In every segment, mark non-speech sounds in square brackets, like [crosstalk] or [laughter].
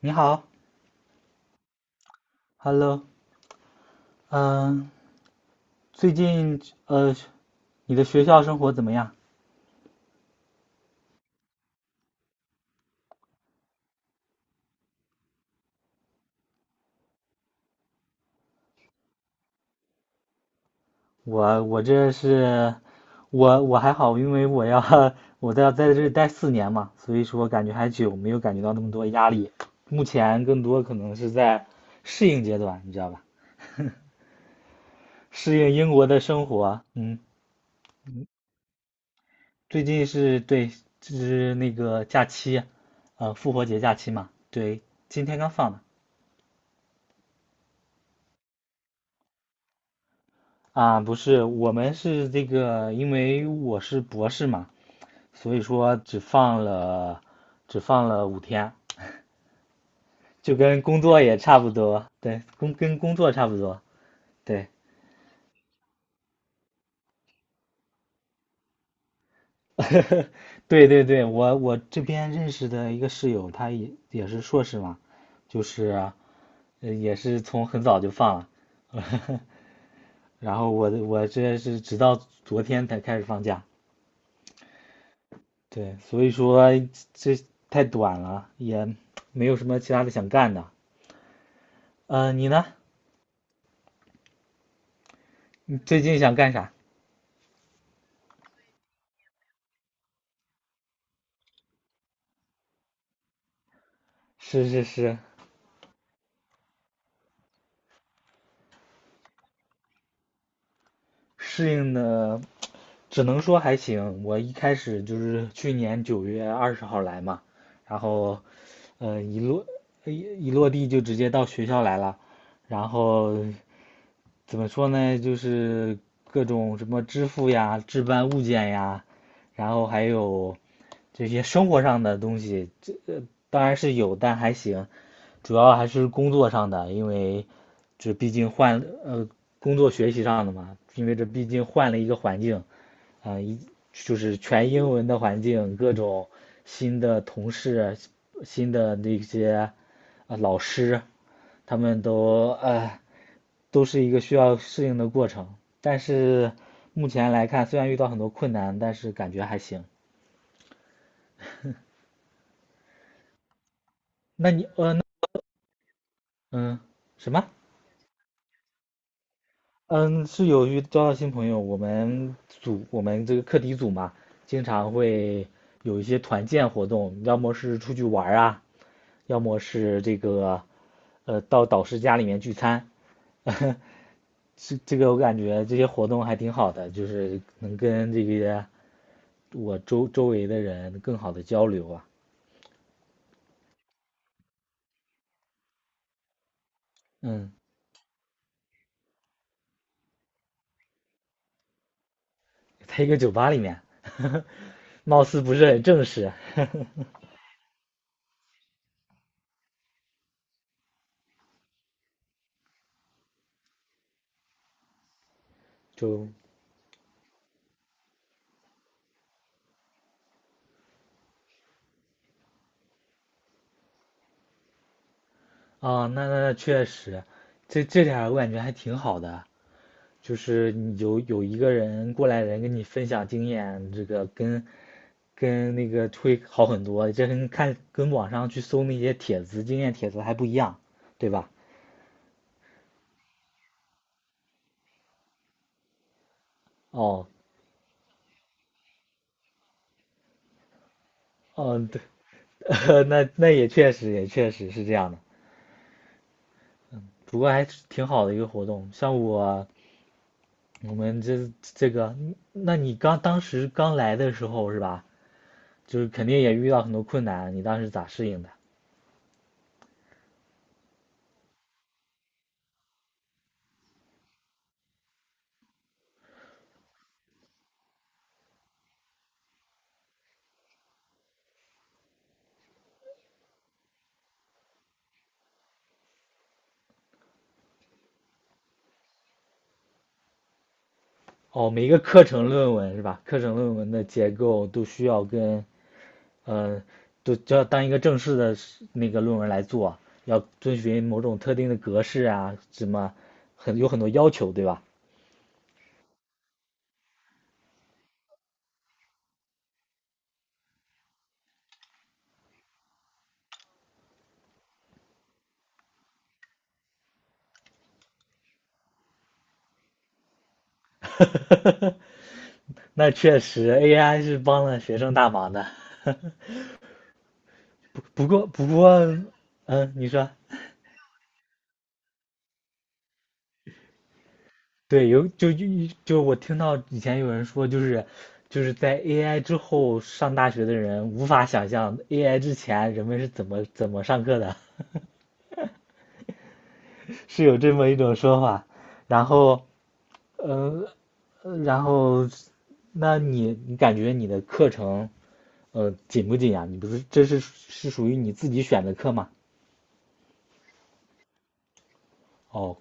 你好，Hello，嗯，最近呃，你的学校生活怎么样？我我这是，我还好，因为我要 [laughs] 我在这待4年嘛，所以说感觉还久，没有感觉到那么多压力。目前更多可能是在适应阶段，你知道吧？适应英国的生活。嗯，最近是对，是那个假期，复活节假期嘛，对，今天刚放的。啊，不是，我们是这个，因为我是博士嘛，所以说只放了5天，就跟工作也差不多，对，跟工作差不多，对，[laughs] 对对对，我这边认识的一个室友，他也是硕士嘛，就是也是从很早就放了，[laughs] 然后我这是直到昨天才开始放假，对，所以说这太短了，也没有什么其他的想干的。你呢？你最近想干啥？是是是，适应的只能说还行。我一开始就是去年9月20号来嘛，然后，呃，一落一一落地就直接到学校来了，然后怎么说呢，就是各种什么支付呀、置办物件呀，然后还有这些生活上的东西，这当然是有，但还行，主要还是工作上的，因为这毕竟工作学习上的嘛，因为这毕竟换了一个环境，啊、一就是全英文的环境，各种新的同事、新的那些啊、老师，他们都是一个需要适应的过程。但是目前来看，虽然遇到很多困难，但是感觉还行。那你呃那嗯什么？嗯，是有交到新朋友。我们这个课题组嘛，经常会有一些团建活动，要么是出去玩啊，要么是这个到导师家里面聚餐。[laughs] 这个我感觉这些活动还挺好的，就是能跟这个我周围的人更好的交流啊。嗯，在一个酒吧里面，[laughs] 貌似不是很正式，[laughs] 就那确实，这点儿我感觉还挺好的，就是你有一个人过来人跟你分享经验，这个跟那个会好很多，这跟网上去搜那些帖子经验帖子还不一样，对吧？哦，嗯，对，[laughs] 那也确实也确实是这样的，不过还是挺好的一个活动，像我。我们这个，那你刚当时刚来的时候是吧？就是肯定也遇到很多困难，你当时咋适应的？哦，每个课程论文是吧？课程论文的结构都需要跟呃，都就要当一个正式的那个论文来做，要遵循某种特定的格式啊，什么很多要求，对吧？那确实 AI 是帮了学生大忙的。不过，嗯，你说。对，有就就就我听到以前有人说，就是在 AI 之后上大学的人无法想象 AI 之前人们是怎么上课的，[laughs] 是有这么一种说法。然后，呃，呃然后，那你感觉你的课程，紧不紧呀？你不是这是属于你自己选的课吗？哦，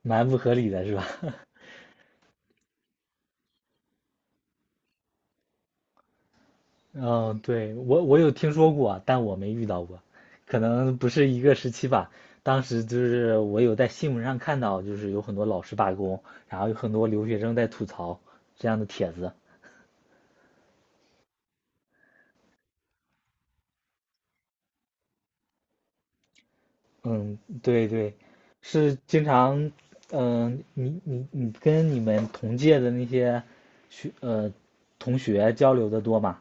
蛮不合理的是吧？[laughs] 嗯，对，我有听说过啊但我没遇到过，可能不是一个时期吧。当时就是我有在新闻上看到，就是有很多老师罢工，然后有很多留学生在吐槽这样的帖子。嗯，对对，是经常，你跟你们同届的那些学呃同学交流的多吗？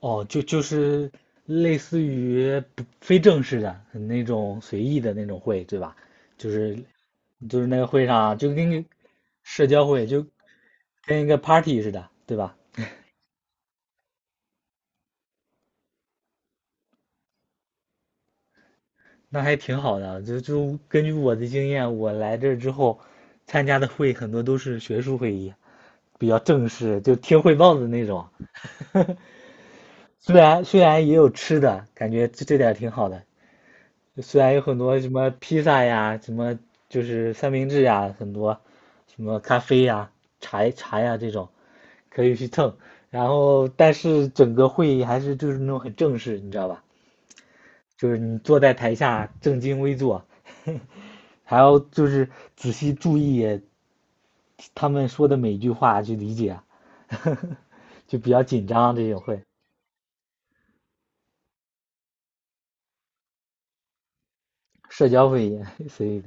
哦，就是类似于不非正式的那种随意的那种会，对吧？就是就是那个会上就跟社交会就跟一个 party 似的，对吧？那还挺好的。就根据我的经验，我来这之后参加的会很多都是学术会议，比较正式，就听汇报的那种。[laughs] 虽然也有吃的，感觉这点儿挺好的，虽然有很多什么披萨呀，什么就是三明治呀，很多什么咖啡呀、茶呀这种可以去蹭，然后但是整个会议还是就是那种很正式，你知道吧？就是你坐在台下正襟危坐，[laughs] 还要就是仔细注意他们说的每一句话去理解啊，[laughs] 就比较紧张这种会，社交会议，[laughs] 所以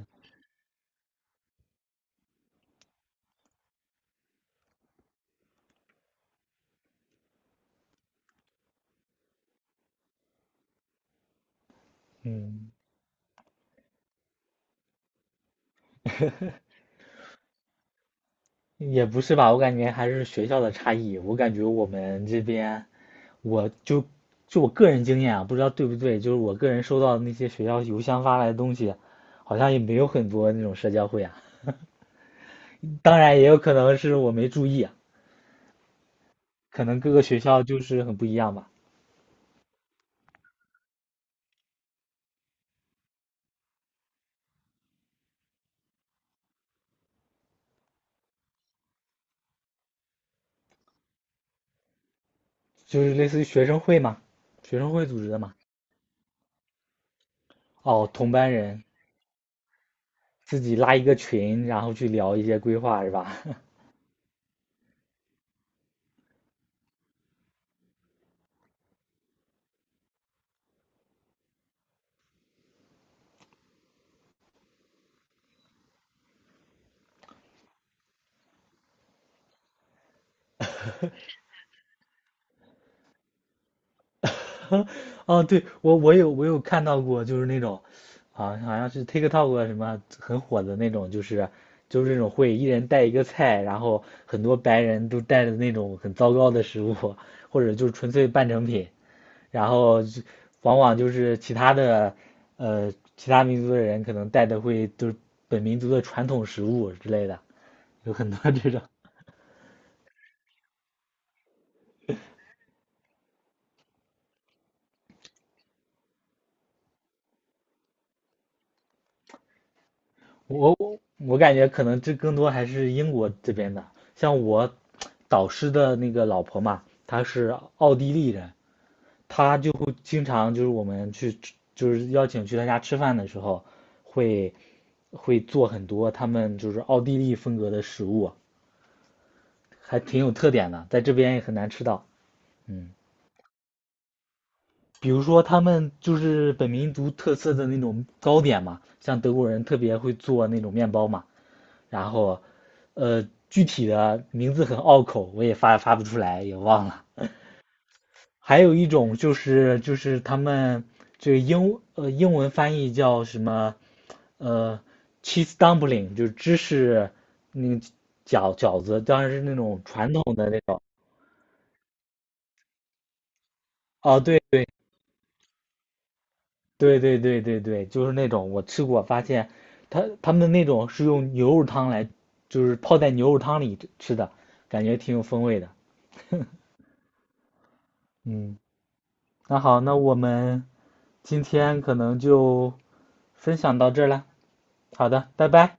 嗯。也不是吧，我感觉还是学校的差异。我感觉我们这边，我就我个人经验啊，不知道对不对，就是我个人收到的那些学校邮箱发来的东西，好像也没有很多那种社交会啊。当然，也有可能是我没注意啊，可能各个学校就是很不一样吧，就是类似于学生会嘛，学生会组织的嘛。哦，同班人自己拉一个群，然后去聊一些规划是吧？[laughs] 哦，对，我看到过，就是那种，啊，好像是 TikTok 啊什么很火的那种，就是这种会一人带一个菜，然后很多白人都带的那种很糟糕的食物，或者就是纯粹半成品，然后就往往就是其他的呃其他民族的人可能带的会就是本民族的传统食物之类的，有很多这种。我我感觉可能这更多还是英国这边的，像我导师的那个老婆嘛，她是奥地利人，她就会经常就是我们去吃就是邀请去她家吃饭的时候，会会做很多他们就是奥地利风格的食物，还挺有特点的，在这边也很难吃到。嗯，比如说他们就是本民族特色的那种糕点嘛，像德国人特别会做那种面包嘛。然后，具体的名字很拗口，我也发不出来，也忘了。还有一种就是他们这个英文翻译叫什么，呃，cheese dumpling，就是芝士那个饺子，当然是那种传统的那种。哦，对对对对对对对，就是那种我吃过，发现他们那种是用牛肉汤来，就是泡在牛肉汤里吃的，感觉挺有风味的。嗯。那好，那我们今天可能就分享到这儿了。好的，拜拜。